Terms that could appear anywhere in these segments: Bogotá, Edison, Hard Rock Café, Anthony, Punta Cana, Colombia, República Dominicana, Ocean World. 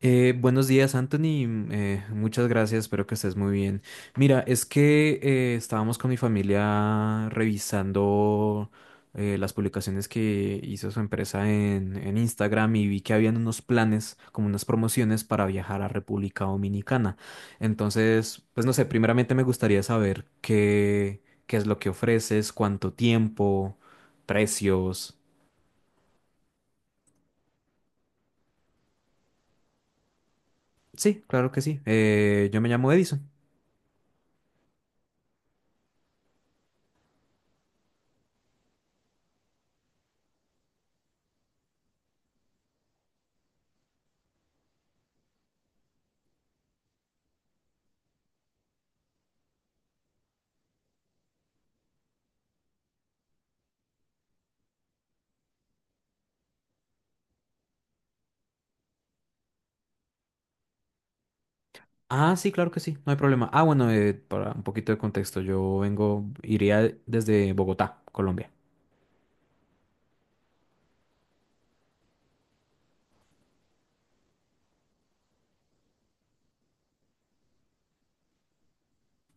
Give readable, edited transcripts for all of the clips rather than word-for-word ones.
Buenos días, Anthony. Muchas gracias, espero que estés muy bien. Mira, es que estábamos con mi familia revisando las publicaciones que hizo su empresa en Instagram y vi que habían unos planes, como unas promociones para viajar a República Dominicana. Entonces, pues no sé, primeramente me gustaría saber qué es lo que ofreces, cuánto tiempo, precios. Sí, claro que sí. Yo me llamo Edison. Ah, sí, claro que sí, no hay problema. Ah, bueno, para un poquito de contexto, iría desde Bogotá, Colombia.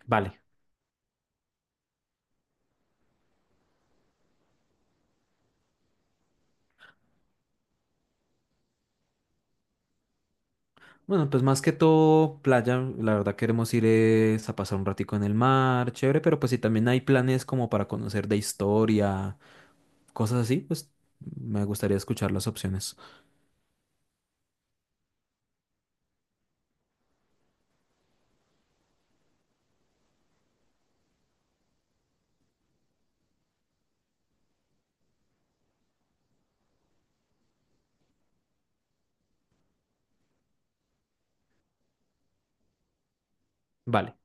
Vale. Bueno, pues más que todo playa, la verdad queremos ir es a pasar un ratico en el mar, chévere, pero pues si también hay planes como para conocer de historia, cosas así, pues me gustaría escuchar las opciones. Vale.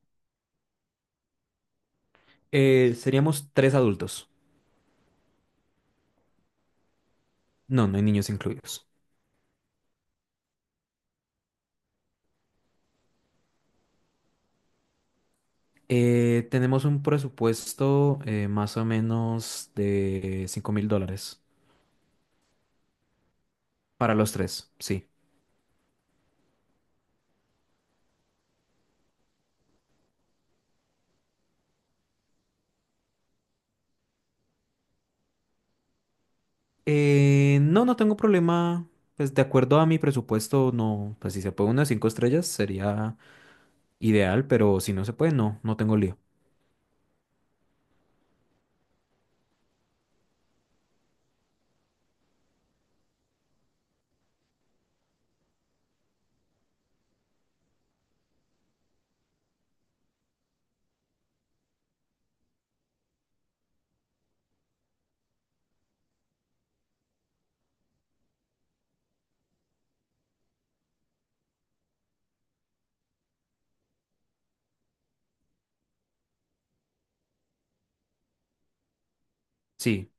Seríamos tres adultos. No, no hay niños incluidos. Tenemos un presupuesto más o menos de 5.000 dólares. Para los tres, sí. No, no tengo problema. Pues de acuerdo a mi presupuesto, no. Pues si se puede unas cinco estrellas sería ideal, pero si no se puede, no, no tengo lío. Sí.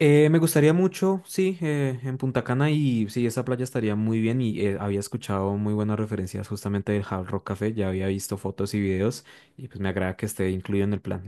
Me gustaría mucho, sí, en Punta Cana y sí, esa playa estaría muy bien y había escuchado muy buenas referencias justamente del Hard Rock Café, ya había visto fotos y videos y pues me agrada que esté incluido en el plan.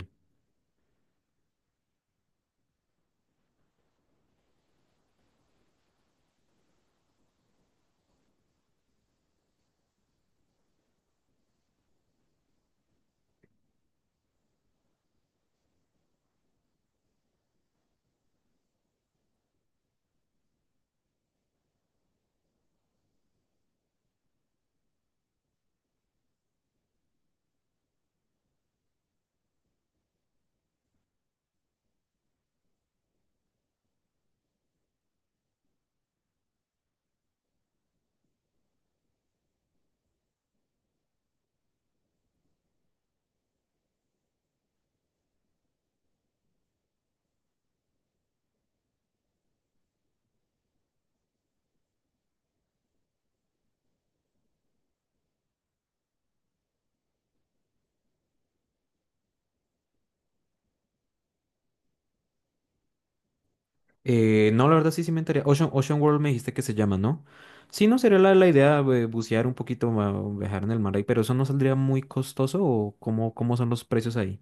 No, la verdad sí, sí me enteré. Ocean World me dijiste que se llama, ¿no? Sí, no sería la idea bucear un poquito, viajar en el mar ahí, pero eso no saldría muy costoso o cómo son los precios ahí.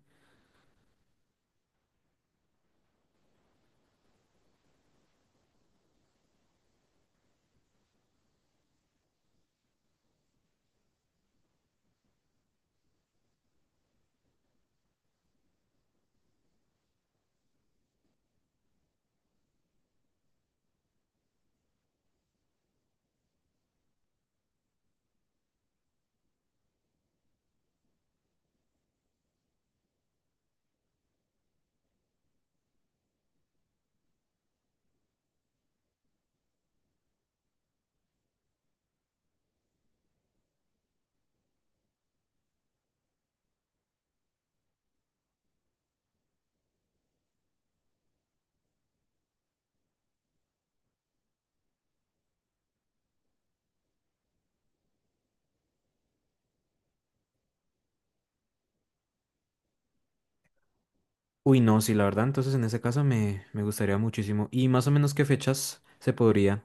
Uy, no, sí, la verdad, entonces en ese caso me gustaría muchísimo. ¿Y más o menos qué fechas se podría?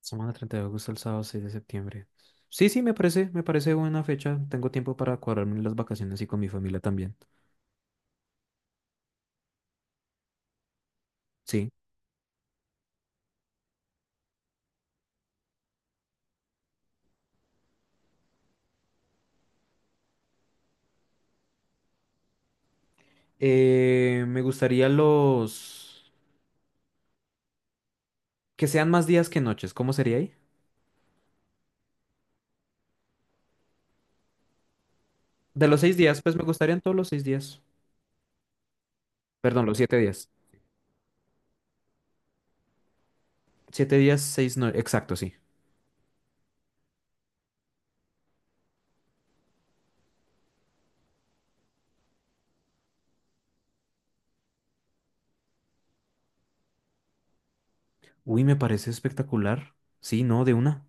Semana 30 de agosto al sábado 6 de septiembre. Sí, sí, me parece buena fecha. Tengo tiempo para cuadrarme las vacaciones y con mi familia también. Sí. Me gustaría los que sean más días que noches. ¿Cómo sería ahí? De los 6 días, pues me gustarían todos los 6 días. Perdón, los 7 días. Siete días, seis, no, exacto, sí. Uy, me parece espectacular. Sí, no, de una.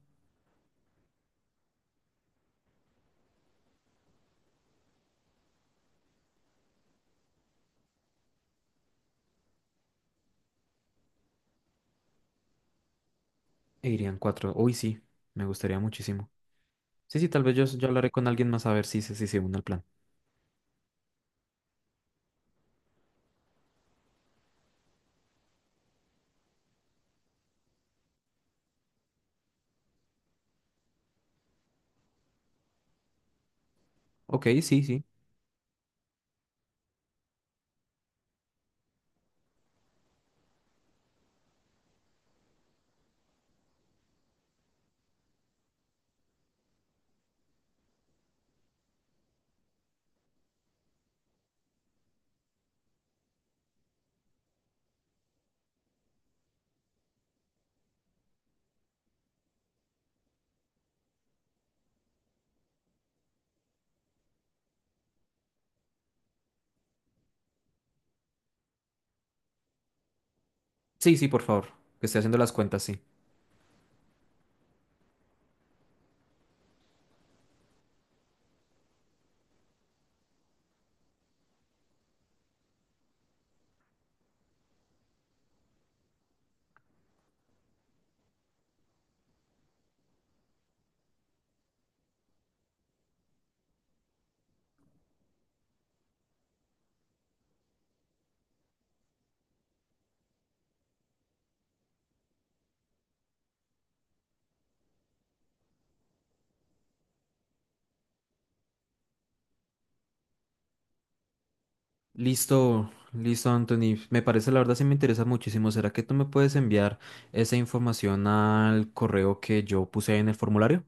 E irían cuatro. Uy, sí, me gustaría muchísimo. Sí, sí, tal vez yo hablaré con alguien más a ver si, se une al plan. Ok, sí, sí. Sí, sí, por favor. Que esté haciendo las cuentas, sí. Listo, listo, Anthony. Me parece, la verdad, sí me interesa muchísimo. ¿Será que tú me puedes enviar esa información al correo que yo puse ahí en el formulario?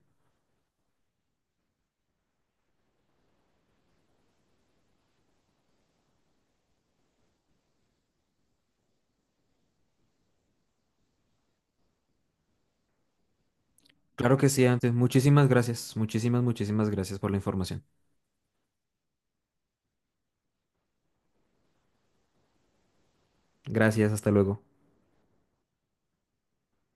Claro que sí, antes. Muchísimas gracias. Muchísimas, muchísimas gracias por la información. Gracias, hasta luego.